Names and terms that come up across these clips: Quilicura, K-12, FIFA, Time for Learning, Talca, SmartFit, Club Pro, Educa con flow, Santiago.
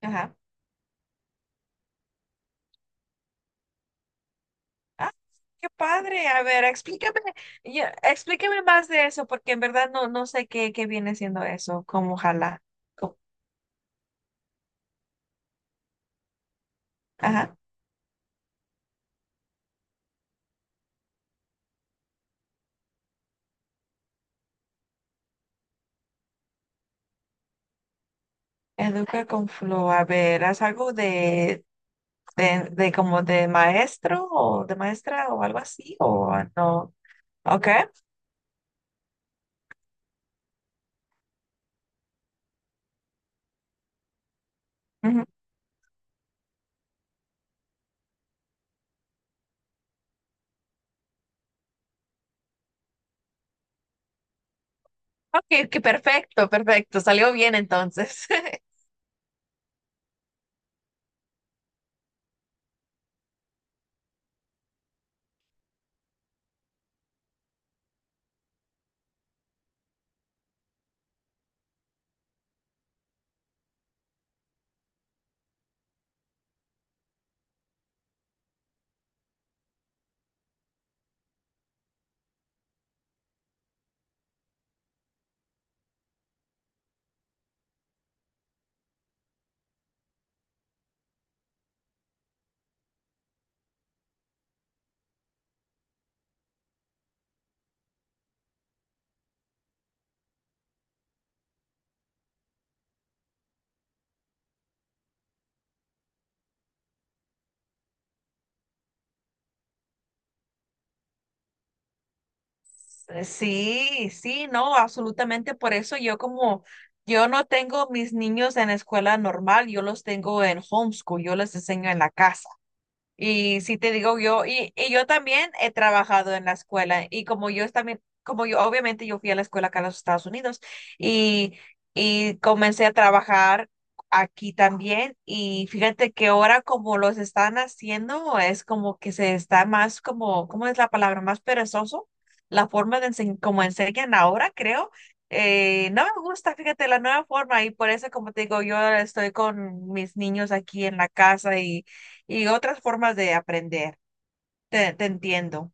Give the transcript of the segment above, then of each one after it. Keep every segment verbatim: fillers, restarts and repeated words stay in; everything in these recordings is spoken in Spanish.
Ajá. Ah, qué padre. A ver, explícame, ya, explícame más de eso, porque en verdad no, no sé qué, qué viene siendo eso, como ojalá. Co- Ajá. Educa con flow. A ver, ¿haz algo de, de, de como de maestro o de maestra o algo así? ¿O no? Ok. Ujú. Ok, ok, perfecto, perfecto. Salió bien entonces. Eh, Sí, sí, no, absolutamente. Por eso yo como, yo no tengo mis niños en escuela normal, yo los tengo en homeschool, yo les enseño en la casa. Y si te digo yo, y, y yo también he trabajado en la escuela y como yo es también, como yo, obviamente yo fui a la escuela acá en los Estados Unidos y, y comencé a trabajar aquí también y fíjate que ahora como los están haciendo es como que se está más como, ¿cómo es la palabra? Más perezoso, la forma de enseñ- como enseñan ahora, creo. Eh, no me gusta, fíjate, la nueva forma y por eso, como te digo, yo estoy con mis niños aquí en la casa y y otras formas de aprender. Te, te entiendo.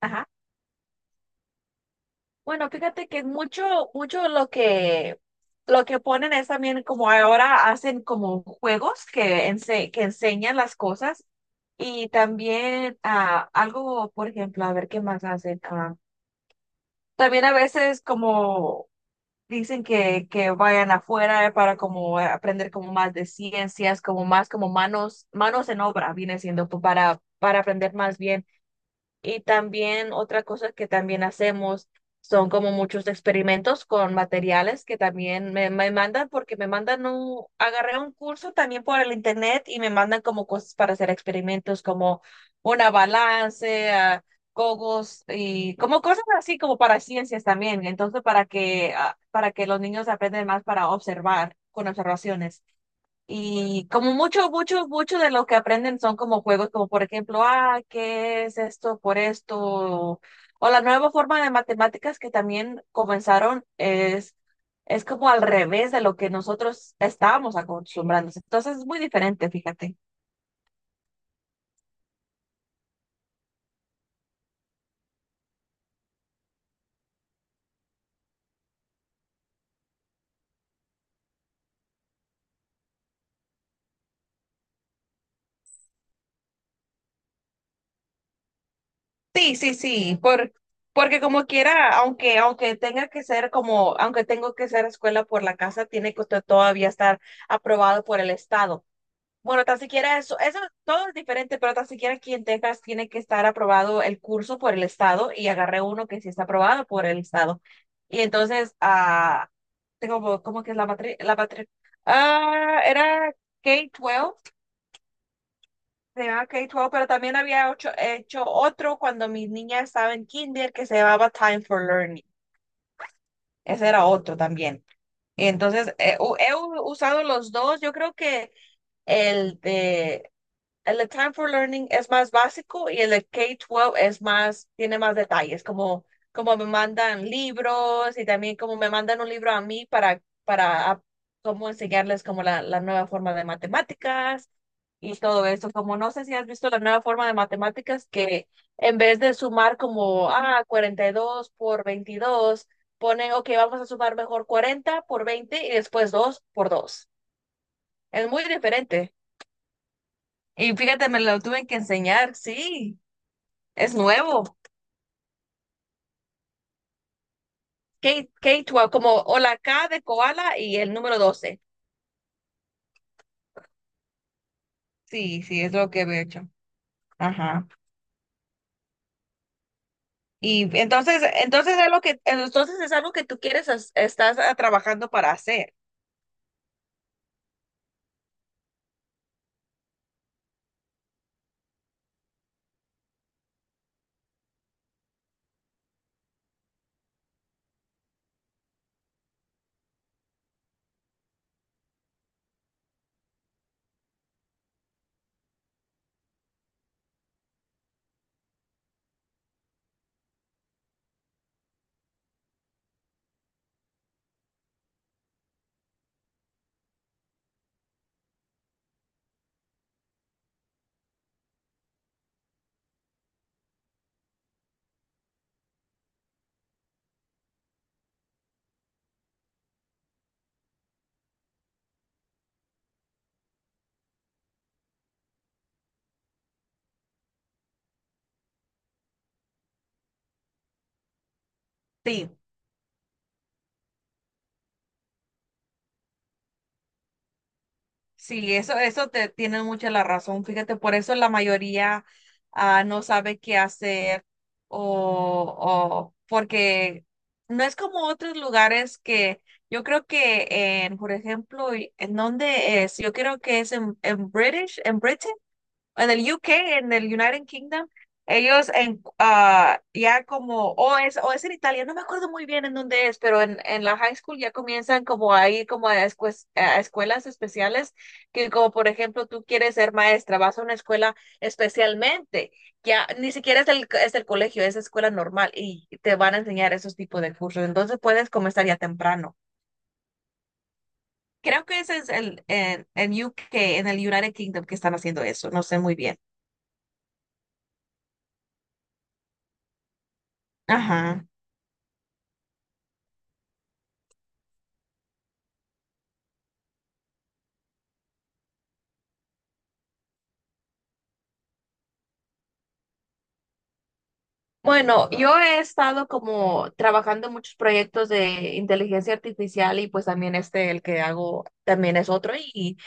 Ajá. Bueno, fíjate que mucho, mucho lo que, lo que ponen es también como ahora hacen como juegos que, ense- que enseñan las cosas y también ah, algo, por ejemplo, a ver qué más hacen. Ah, también a veces como dicen que, que vayan afuera eh, para como aprender como más de ciencias, como más como manos, manos en obra, viene siendo pues, para, para aprender más bien. Y también otra cosa que también hacemos son como muchos experimentos con materiales que también me, me mandan porque me mandan un, agarré un curso también por el internet y me mandan como cosas para hacer experimentos como una balance, ah, cogos y como cosas así como para ciencias también. Entonces para que, ah, para que los niños aprendan más para observar con observaciones. Y como mucho, mucho, mucho de lo que aprenden son como juegos, como por ejemplo, ah, ¿qué es esto por esto? O, la nueva forma de matemáticas que también comenzaron es, es como al revés de lo que nosotros estábamos acostumbrándonos. Entonces es muy diferente, fíjate. Sí, sí, sí, por, porque como quiera, aunque, aunque tenga que ser como, aunque tengo que ser escuela por la casa, tiene que to- todavía estar aprobado por el estado. Bueno, tan siquiera eso, eso todo es diferente, pero tan siquiera aquí en Texas tiene que estar aprobado el curso por el estado y agarré uno que sí está aprobado por el estado. Y entonces, ah, tengo como como que es la matriz, la matriz, ah, era K doce, se llamaba K doce, pero también había ocho- hecho otro cuando mi niña estaba en kinder que se llamaba Time for Learning. Ese era otro también. Y entonces, eh, u- he u- usado los dos, yo creo que el de el Time for Learning es más básico y el K doce es más, tiene más detalles, como, como me mandan libros y también como me mandan un libro a mí para, para a- cómo enseñarles como la, la nueva forma de matemáticas y todo eso. Como no sé si has visto la nueva forma de matemáticas que en vez de sumar como, ah, cuarenta y dos por veintidós, ponen, ok, vamos a sumar mejor cuarenta por veinte y después dos por dos. Es muy diferente. Y fíjate, me lo tuve que enseñar, sí, es nuevo. K, K12, como o la K de koala y el número doce. Sí, sí, es lo que he hecho. Ajá. Y entonces, entonces es lo que, entonces es algo que tú quieres, as- estás ah, trabajando para hacer. Sí. Sí, eso, eso te tiene mucha la razón. Fíjate, por eso la mayoría ah, no sabe qué hacer, o, o porque no es como otros lugares que yo creo que en, por ejemplo, y- ¿en dónde es? Yo creo que es en, en British, en Britain, en el U K, en el United Kingdom, ellos en, ah, ya como, o es, o es en Italia, no me acuerdo muy bien en dónde es, pero en, en la high school ya comienzan como ahí, como a, escues- a escuelas especiales, que como por ejemplo tú quieres ser maestra, vas a una escuela especialmente, ya ni siquiera es el, es el colegio, es escuela normal y te van a enseñar esos tipos de cursos, entonces puedes comenzar ya temprano. Creo que ese es el en, en U K, en el United Kingdom que están haciendo eso, no sé muy bien. Ajá. Bueno, yo he estado como trabajando en muchos proyectos de inteligencia artificial y pues también este, el que hago también es otro, y,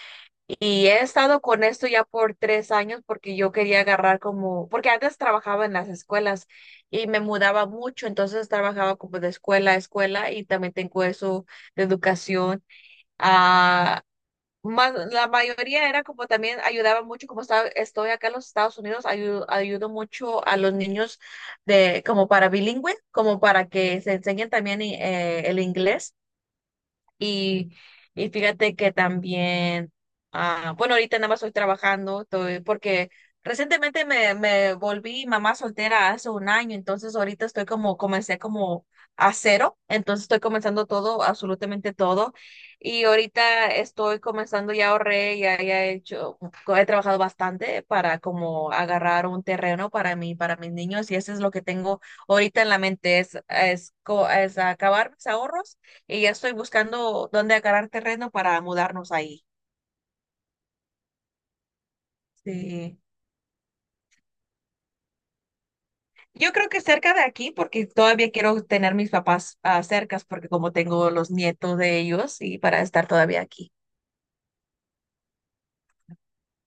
y he estado con esto ya por tres años porque yo quería agarrar como, porque antes trabajaba en las escuelas y me mudaba mucho, entonces trabajaba como de escuela a escuela y también tengo eso de educación. ah, más, la mayoría era como también ayudaba mucho, como estaba, estoy acá en los Estados Unidos, ayu- ayudo mucho a los niños de como para bilingüe, como para que se enseñen también eh, el inglés. Y, y fíjate que también, ah, bueno, ahorita nada más estoy trabajando, estoy, porque recientemente me, me volví mamá soltera hace un año, entonces ahorita estoy como, comencé como a cero, entonces estoy comenzando todo, absolutamente todo. Y ahorita estoy comenzando, ya ahorré, ya, ya he hecho, he trabajado bastante para como agarrar un terreno para mí, para mis niños, y eso es lo que tengo ahorita en la mente, es, es, co- es acabar mis ahorros y ya estoy buscando dónde agarrar terreno para mudarnos ahí. Sí. Yo creo que cerca de aquí, porque todavía quiero tener mis papás ah, cercas, porque como tengo los nietos de ellos y para estar todavía aquí.